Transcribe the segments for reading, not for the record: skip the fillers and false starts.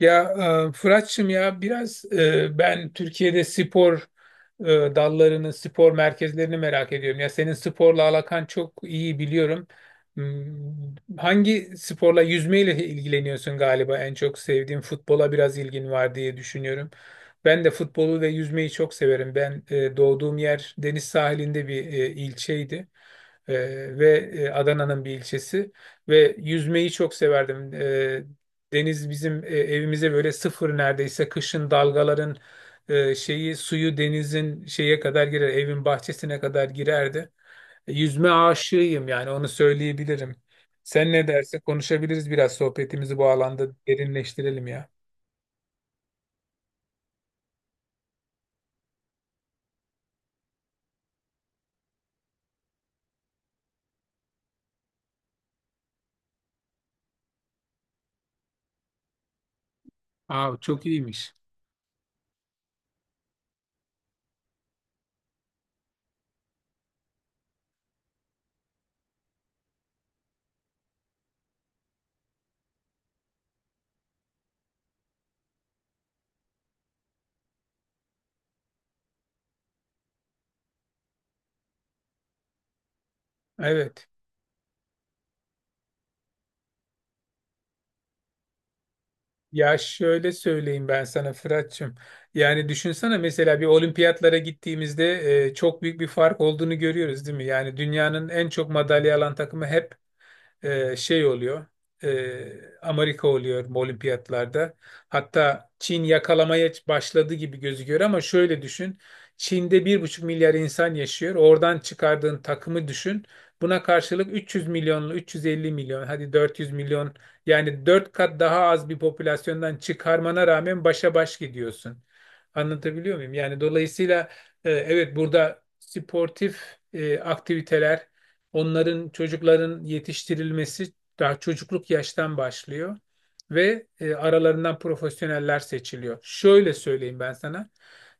Ya Fırat'cığım ya biraz ben Türkiye'de spor dallarını, spor merkezlerini merak ediyorum. Ya senin sporla alakan çok iyi biliyorum. Hangi sporla yüzmeyle ilgileniyorsun, galiba en çok sevdiğin futbola biraz ilgin var diye düşünüyorum. Ben de futbolu ve yüzmeyi çok severim. Ben doğduğum yer deniz sahilinde bir ilçeydi. Ve Adana'nın bir ilçesi ve yüzmeyi çok severdim. Deniz bizim evimize böyle sıfır, neredeyse kışın dalgaların e, şeyi suyu, denizin şeye kadar girer, evin bahçesine kadar girerdi. Yüzme aşığıyım, yani onu söyleyebilirim. Sen ne derse konuşabiliriz, biraz sohbetimizi bu alanda derinleştirelim ya. Çok iyiymiş. Evet. Ya şöyle söyleyeyim ben sana Fırat'cığım. Yani düşünsene, mesela bir olimpiyatlara gittiğimizde çok büyük bir fark olduğunu görüyoruz, değil mi? Yani dünyanın en çok madalya alan takımı hep şey oluyor, Amerika oluyor olimpiyatlarda. Hatta Çin yakalamaya başladı gibi gözüküyor ama şöyle düşün. Çin'de 1,5 milyar insan yaşıyor. Oradan çıkardığın takımı düşün. Buna karşılık 300 milyonlu, 350 milyon, hadi 400 milyon, yani 4 kat daha az bir popülasyondan çıkarmana rağmen başa baş gidiyorsun. Anlatabiliyor muyum? Yani dolayısıyla evet, burada sportif aktiviteler, onların, çocukların yetiştirilmesi daha çocukluk yaştan başlıyor ve aralarından profesyoneller seçiliyor. Şöyle söyleyeyim ben sana.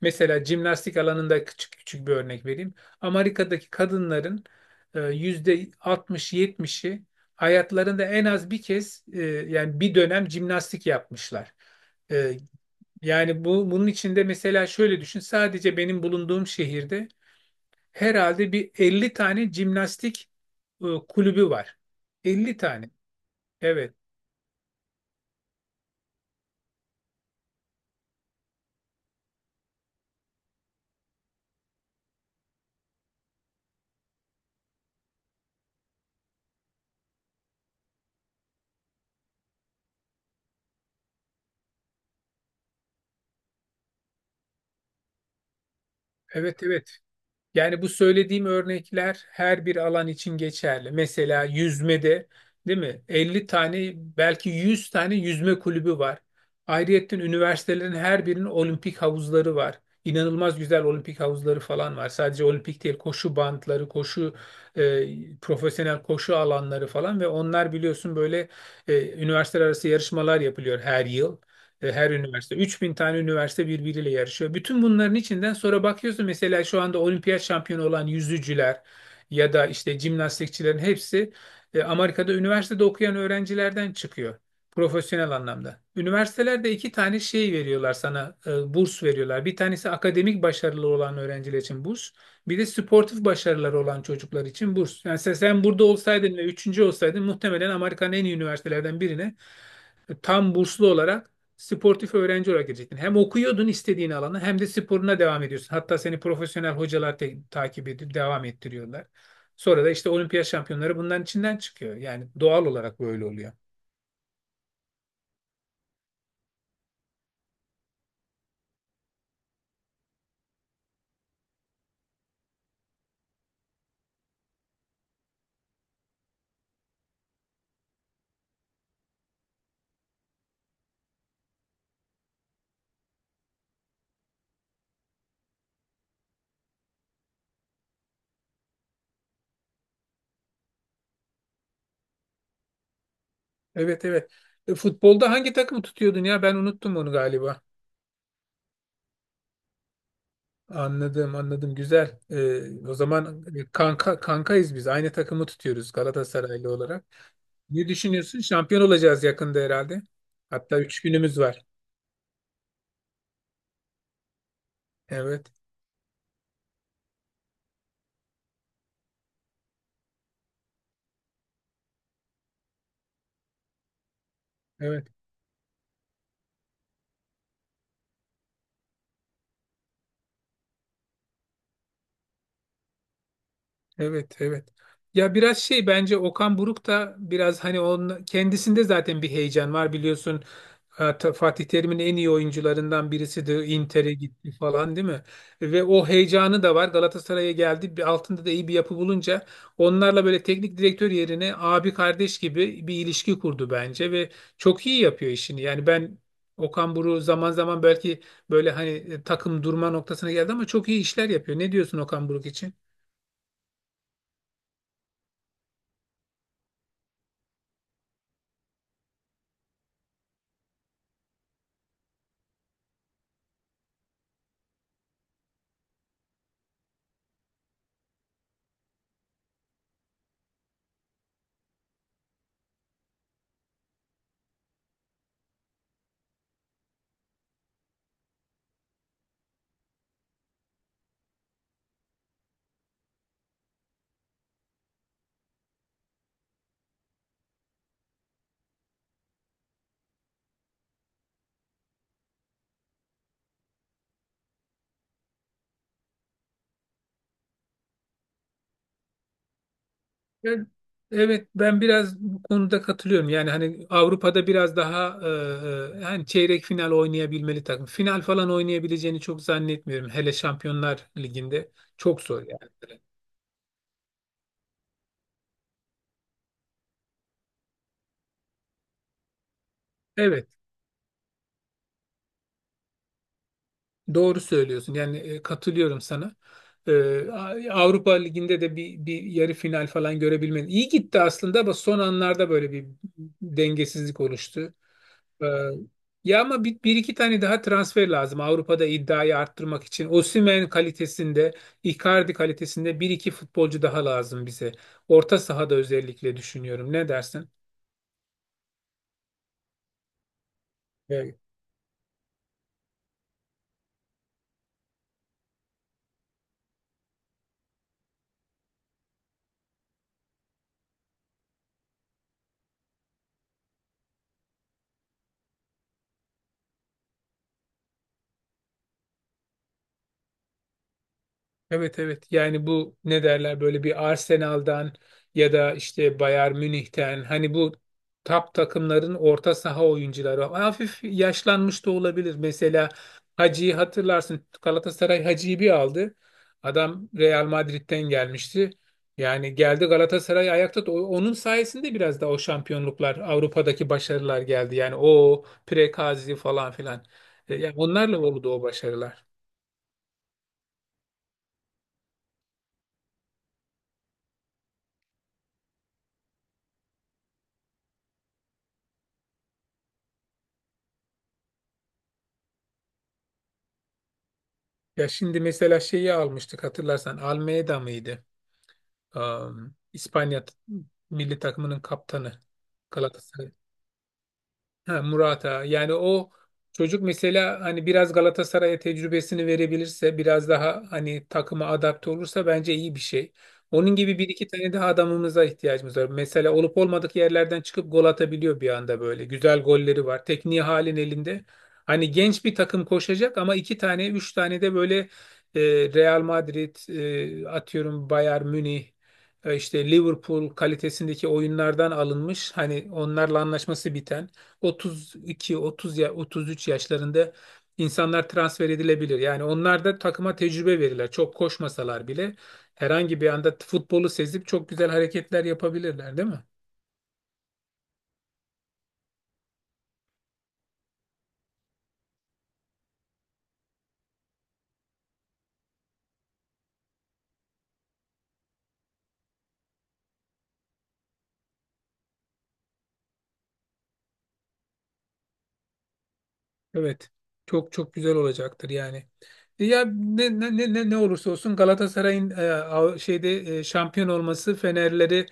Mesela jimnastik alanında küçük küçük bir örnek vereyim. Amerika'daki kadınların yüzde 60-70'i hayatlarında en az bir kez yani bir dönem jimnastik yapmışlar. E, Yani bu, bunun içinde mesela şöyle düşün. Sadece benim bulunduğum şehirde herhalde bir 50 tane jimnastik kulübü var. 50 tane. Evet. Evet evet. Yani bu söylediğim örnekler her bir alan için geçerli. Mesela yüzmede, değil mi? 50 tane, belki 100 tane yüzme kulübü var. Ayrıyetten üniversitelerin her birinin olimpik havuzları var. İnanılmaz güzel olimpik havuzları falan var. Sadece olimpik değil, koşu bantları, koşu profesyonel koşu alanları falan ve onlar biliyorsun böyle üniversiteler arası yarışmalar yapılıyor her yıl. Her üniversite, 3.000 tane üniversite birbiriyle yarışıyor. Bütün bunların içinden sonra bakıyorsun, mesela şu anda olimpiyat şampiyonu olan yüzücüler ya da işte jimnastikçilerin hepsi Amerika'da üniversitede okuyan öğrencilerden çıkıyor. Profesyonel anlamda. Üniversitelerde iki tane şey veriyorlar sana, burs veriyorlar. Bir tanesi akademik başarılı olan öğrenciler için burs. Bir de sportif başarıları olan çocuklar için burs. Yani sen burada olsaydın ve üçüncü olsaydın, muhtemelen Amerika'nın en iyi üniversitelerden birine tam burslu olarak, sportif öğrenci olarak girecektin. Hem okuyordun istediğin alana, hem de sporuna devam ediyorsun. Hatta seni profesyonel hocalar takip edip devam ettiriyorlar. Sonra da işte olimpiyat şampiyonları bunların içinden çıkıyor. Yani doğal olarak böyle oluyor. Evet evet. Futbolda hangi takımı tutuyordun ya? Ben unuttum onu galiba. Anladım anladım, güzel. O zaman kanka kankayız biz. Aynı takımı tutuyoruz, Galatasaraylı olarak. Ne düşünüyorsun? Şampiyon olacağız yakında herhalde. Hatta 3 günümüz var. Evet. Evet. Evet, evet. Ya biraz şey, bence Okan Buruk da biraz, hani onun kendisinde zaten bir heyecan var biliyorsun. Fatih Terim'in en iyi oyuncularından birisi de Inter'e gitti falan, değil mi? Ve o heyecanı da var. Galatasaray'a geldi. Bir altında da iyi bir yapı bulunca, onlarla böyle teknik direktör yerine abi kardeş gibi bir ilişki kurdu bence ve çok iyi yapıyor işini. Yani ben, Okan Buruk zaman zaman belki böyle, hani takım durma noktasına geldi ama çok iyi işler yapıyor. Ne diyorsun Okan Buruk için? Ben- Evet, ben biraz bu konuda katılıyorum. Yani hani Avrupa'da biraz daha hani çeyrek final oynayabilmeli takım. Final falan oynayabileceğini çok zannetmiyorum. Hele Şampiyonlar Ligi'nde çok zor yani. Evet, doğru söylüyorsun. Yani katılıyorum sana. E, Avrupa Ligi'nde de bir yarı final falan görebilmeli. İyi gitti aslında ama son anlarda böyle bir dengesizlik oluştu. Ee, Ya ama bir iki tane daha transfer lazım Avrupa'da iddiayı arttırmak için. Osimhen kalitesinde, Icardi kalitesinde bir iki futbolcu daha lazım bize. Orta sahada özellikle düşünüyorum. Ne dersin? Evet evet, yani bu ne derler, böyle bir Arsenal'dan ya da işte Bayern Münih'ten, hani bu top takımların orta saha oyuncuları hafif yaşlanmış da olabilir. Mesela Hacı'yı hatırlarsın, Galatasaray Hacı'yı bir aldı. Adam Real Madrid'den gelmişti. Yani geldi Galatasaray ayakta onun sayesinde biraz da o şampiyonluklar, Avrupa'daki başarılar geldi. Yani o Prekazi falan filan. Yani onlarla oldu o başarılar. Ya şimdi mesela şeyi almıştık, hatırlarsan, Almeida mıydı? İspanya milli takımının kaptanı. Galatasaray. Ha, Murata. Yani o çocuk mesela, hani biraz Galatasaray'a tecrübesini verebilirse, biraz daha hani takıma adapte olursa bence iyi bir şey. Onun gibi bir iki tane daha adamımıza ihtiyacımız var. Mesela olup olmadık yerlerden çıkıp gol atabiliyor bir anda böyle. Güzel golleri var. Tekniği halin elinde. Hani genç bir takım koşacak ama iki tane, üç tane de böyle e, Real Madrid, atıyorum Bayern Münih, işte Liverpool kalitesindeki oyunlardan alınmış, hani onlarla anlaşması biten. 32, 30 ya 33 yaşlarında insanlar transfer edilebilir. Yani onlar da takıma tecrübe verirler. Çok koşmasalar bile herhangi bir anda futbolu sezip çok güzel hareketler yapabilirler, değil mi? Evet. Çok çok güzel olacaktır yani. Ya, ne olursa olsun Galatasaray'ın şampiyon olması Fenerleri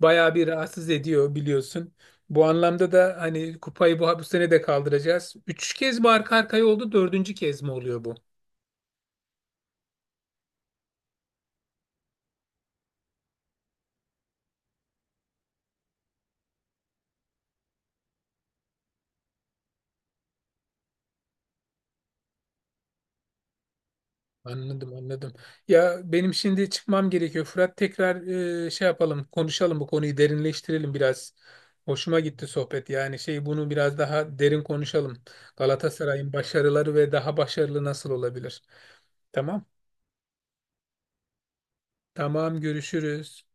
bayağı bir rahatsız ediyor biliyorsun. Bu anlamda da hani kupayı bu sene de kaldıracağız. 3 kez mi arka arkaya oldu, dördüncü kez mi oluyor bu? Anladım anladım. Ya benim şimdi çıkmam gerekiyor. Fırat, tekrar yapalım, konuşalım, bu konuyu derinleştirelim biraz. Hoşuma gitti sohbet, yani bunu biraz daha derin konuşalım. Galatasaray'ın başarıları ve daha başarılı nasıl olabilir? Tamam. Tamam, görüşürüz.